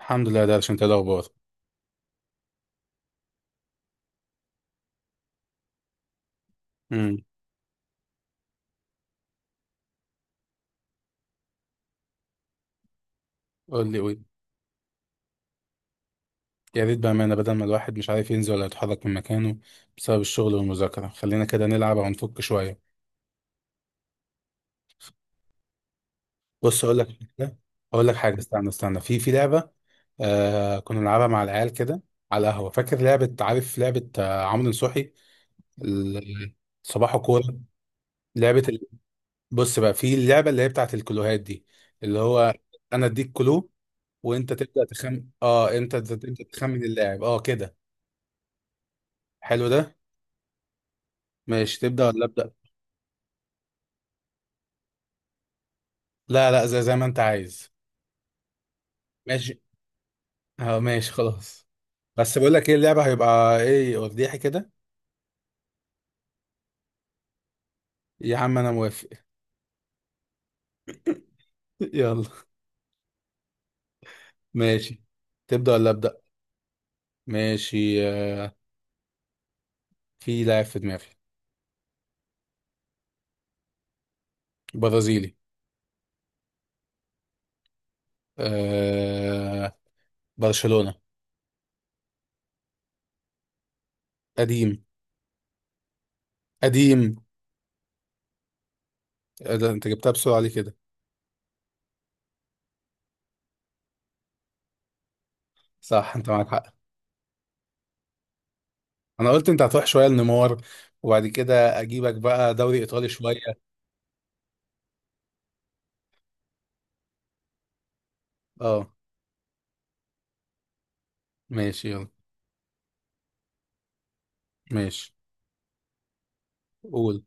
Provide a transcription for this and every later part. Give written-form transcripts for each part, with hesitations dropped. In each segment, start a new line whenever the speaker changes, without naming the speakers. الحمد لله، ده عشان تلاقي الاخبار. امم. قول لي، قول. يا ريت بامانه، بدل ما الواحد مش عارف ينزل ولا يتحرك من مكانه بسبب الشغل والمذاكره، خلينا كده نلعب او نفك شويه. بص اقول لك حاجه اقول لك حاجه، استنى، في لعبه. كنا بنلعبها مع العيال كده على القهوه. فاكر لعبه؟ عارف لعبه عمرو نصوحي؟ ال- صباح كوره. لعبه ال... بص بقى، في اللعبه اللي هي بتاعت الكلوهات دي، اللي هو انا اديك كلو وانت تبدا تخمن. اه انت تخمن اللاعب كده. حلو ده. ماشي، تبدأ ولا أبدأ؟ لا لا، زي ما أنت عايز. ماشي. اه ماشي، خلاص. بس بقول لك ايه، اللعبة هيبقى ايه وفضيحي كده. يا عم أنا موافق. يلا، ماشي. تبدأ ولا أبدأ؟ ماشي في لاعب في دماغي. برازيلي. آه برشلونة. قديم. قديم. ده أنت جبتها بسرعة ليه كده؟ صح، أنت معاك حق. أنا قلت أنت هتروح شوية لنيمار، وبعد كده أجيبك بقى دوري إيطالي شوية. اه ماشي، يلا. ماشي. قول.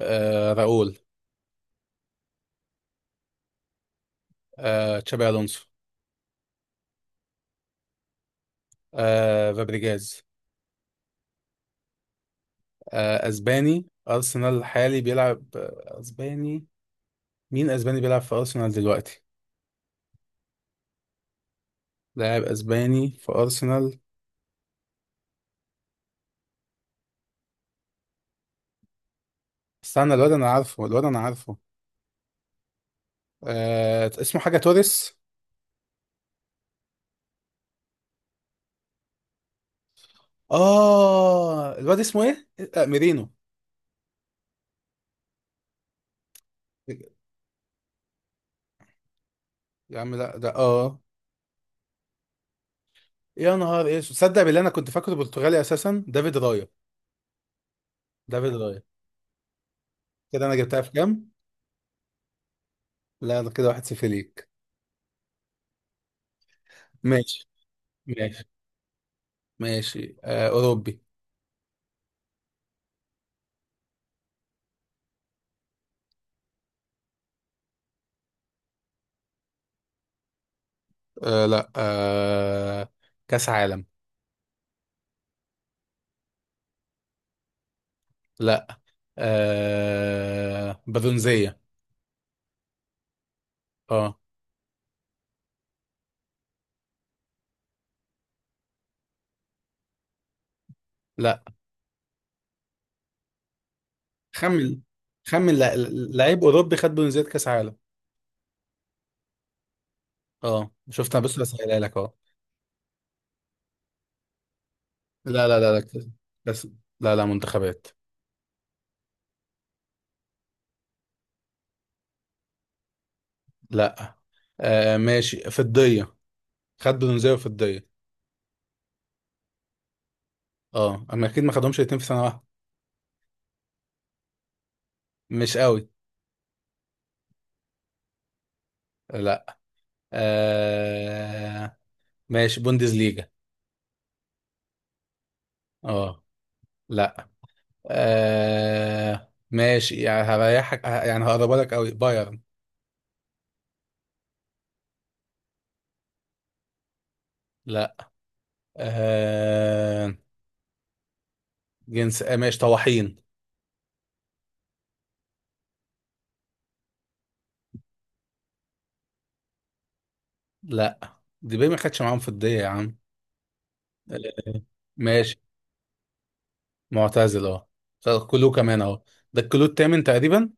راؤول. تشابي الونسو. فابريجاز. اسباني، ارسنال الحالي بيلعب اسباني. مين اسباني بيلعب في ارسنال دلوقتي؟ لاعب اسباني في ارسنال. استنى، الواد انا عارفه، الواد انا عارفه. اسمه حاجه توريس. اه الواد اسمه ايه؟ ميرينو. يا عم لا، ده اه. يا نهار ايه، تصدق بالله انا كنت فاكره برتغالي اساسا. دافيد رايا. دافيد رايا. كده انا جبتها في كام؟ لا، ده كده واحد صفر ليك. ماشي. ماشي. ماشي أوروبي. آه لا آه كأس عالم. لا آه برونزية. اه. لا. خمن. خمن لع- لعيب أوروبي خد برونزية كأس عالم. اه شفت، انا بس بسألها لك اهو. لا لا لا لا، كأس. كأس- لا لا، منتخبات. لا ماشي، فضية. خد برونزية وفضية. اه، اما اكيد ما خدهمش الاتنين في سنة واحدة. مش قوي. لا آه ماشي، بوندسليجا. اه. لا. ماشي، يعني يعني هقربها لك قوي، بايرن. لا. آه جنس ماشي، طواحين. لا دي بيه ما خدش معاهم في الدية يا عم. آه ماشي، معتزل اهو. طب كلو كمان اهو. ده الكلو التامن تقريبا.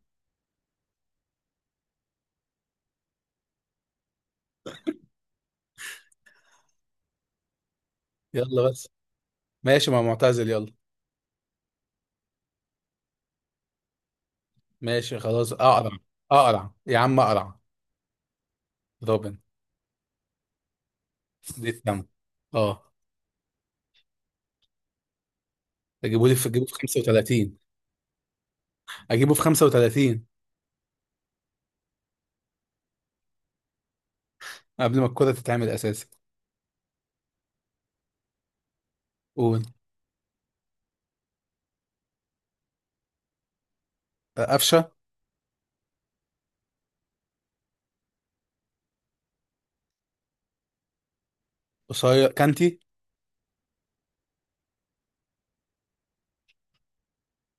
يلا بس. ماشي، ما معتزل، يلا. ماشي خلاص، اقرع. اقرع يا عم، اقرع. روبن. دي التامن. اه. اجيبه لي في، اجيبه في 35. اجيبه في 35. قبل ما الكرة تتعمل اساسا. قول. قفشة. قصير. كانتي.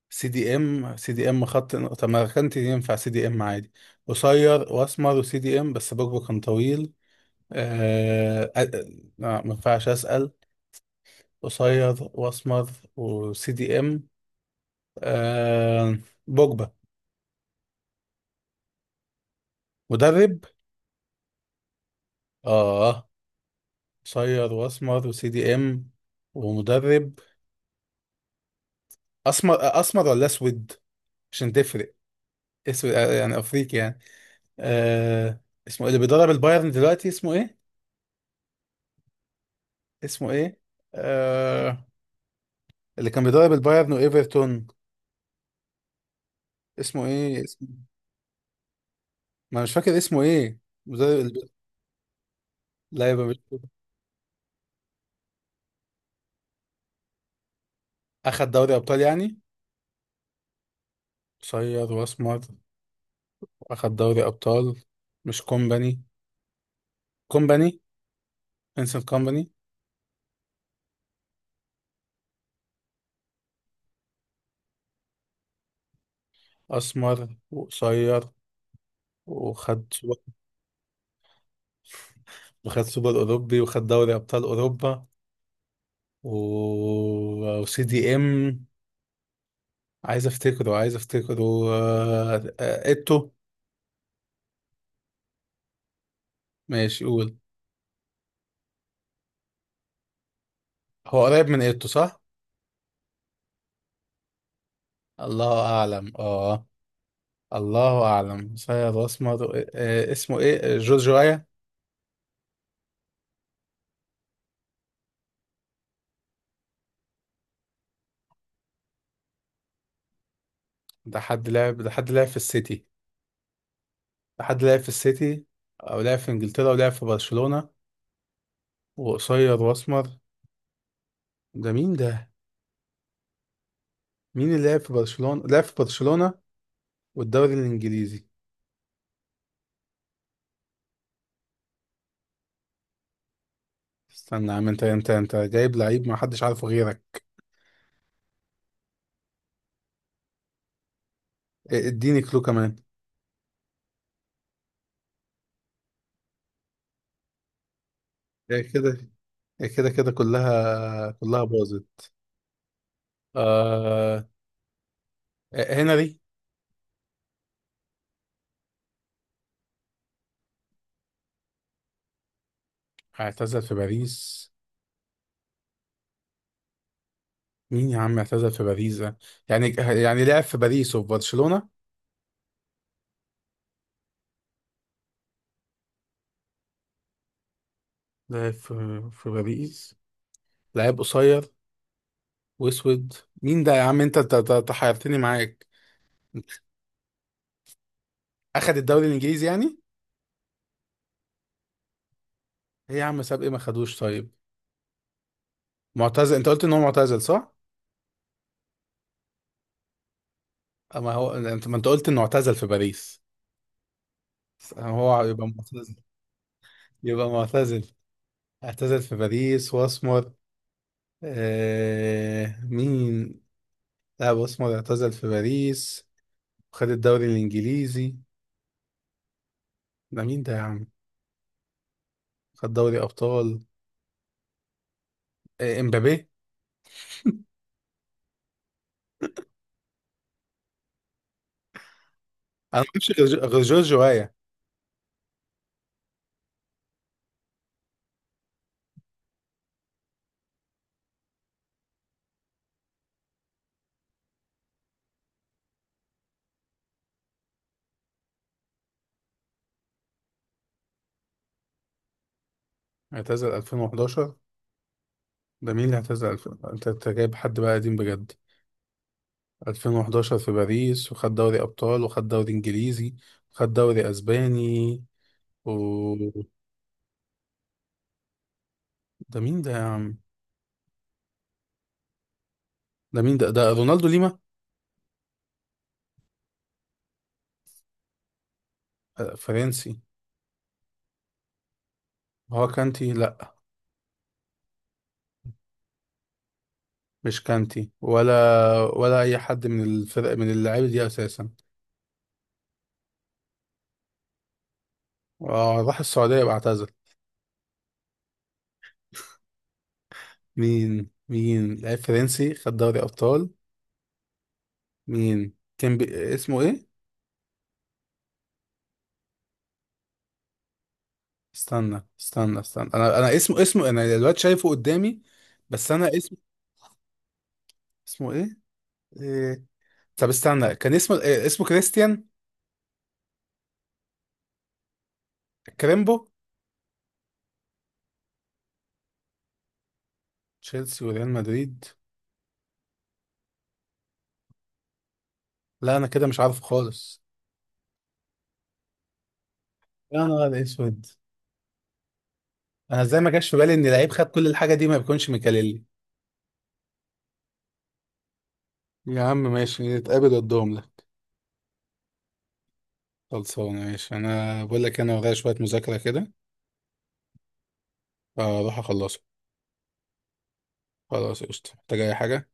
سي دي ام. سي دي ام، خط. طب ما كانتي ينفع سي دي ام عادي. قصير واسمر وسي دي ام، بس بوجبه كان طويل. آه... آه... آه، ما ينفعش اسال. قصير واسمر وسي دي ام. آه... بوجبه. مدرب. اه، قصير واسمر وسي دي ام ومدرب. اسمر اسمر ولا اسود؟ عشان تفرق. اسود يعني افريقي يعني. آه... اسمه إيه اللي بيدرب البايرن دلوقتي؟ اسمه ايه؟ اسمه ايه؟ آه... اللي كان بيدرب البايرن وايفرتون، اسمه ايه؟ ما مش فاكر اسمه ايه. مدرب الب... لا يبقى مش. اخد دوري ابطال يعني. قصير واسمر واخد دوري ابطال. مش كومباني؟ كومباني. انسان كومباني. اسمر وقصير وخد سوبر. وخد سوبر اوروبي وخد دوري ابطال اوروبا و... وسي دي ام. عايز افتكره. ايتو. ماشي قول. هو قريب من ايتو صح؟ الله أعلم. اه الله أعلم. صياد أسمر اسمه إيه؟ جورجو آيا. ده حد لعب، ده حد لعب في السيتي. ده حد لعب في السيتي، أو لعب في إنجلترا ولعب في برشلونة، وقصير وأسمر. ده مين ده؟ مين اللي لعب في برشلونة؟ لعب في برشلونة والدوري الإنجليزي. استنى يا عم، أنت جايب لعيب ما حدش عارفه غيرك. إيه، اديني كلو كمان. إيه كده. إيه كده، كلها باظت. آه... إيه، هنري. اعتزل في باريس. مين يا عم اعتزل في باريس ده؟ يعني لعب في باريس وفي برشلونة. لعب في باريس. لعيب قصير واسود. مين ده يا عم؟ أنت حيرتني معاك. اخد الدوري الانجليزي يعني. ايه يا عم، ساب ايه؟ ما خدوش طيب؟ معتزل، انت قلت ان هو معتزل، صح؟ اما هو انت، ما انت قلت انه اعتزل في باريس. هو يبقى معتزل. يبقى معتزل. اعتزل في باريس واسمر. مين؟ لا، اسمر، اعتزل في باريس وخد الدوري الانجليزي. ده مين ده يا عم؟ خد دوري ابطال. امبابي. انا ما اعرفش غير جورج وايا. اعتزل 2011. ده مين اللي اعتزل 2000؟ أنت جايب حد بقى قديم بجد. 2011 في باريس، وخد دوري ابطال وخد دوري انجليزي وخد دوري اسباني، و ده مين ده يا عم؟ ده مين ده؟ ده رونالدو ليما؟ فرنسي. هو كانتي؟ لا، مش كانتي، ولا ولا اي حد من الفرق من اللعيبه دي اساسا. راح السعوديه واعتزل؟ مين لعيب فرنسي خد دوري ابطال؟ اسمه ايه؟ استنى انا اسمه، انا دلوقتي شايفه قدامي، بس انا اسمه. اسمه ايه؟ إيه... طب استنى، كان اسمه إيه؟ اسمه كريستيان. كريمبو. تشيلسي وريال مدريد. لا انا كده مش عارف خالص. يا نهار اسود، انا ازاي ما جاش في بالي ان لعيب خد كل الحاجه دي ما بيكونش ميكاليلي. يا عم ماشي، نتقابل قدام ده. خلصانه، ماشي. انا بقول لك انا ورايا شويه مذاكره كده، اروح اخلصه. خلاص قشطه، محتاج اي حاجه؟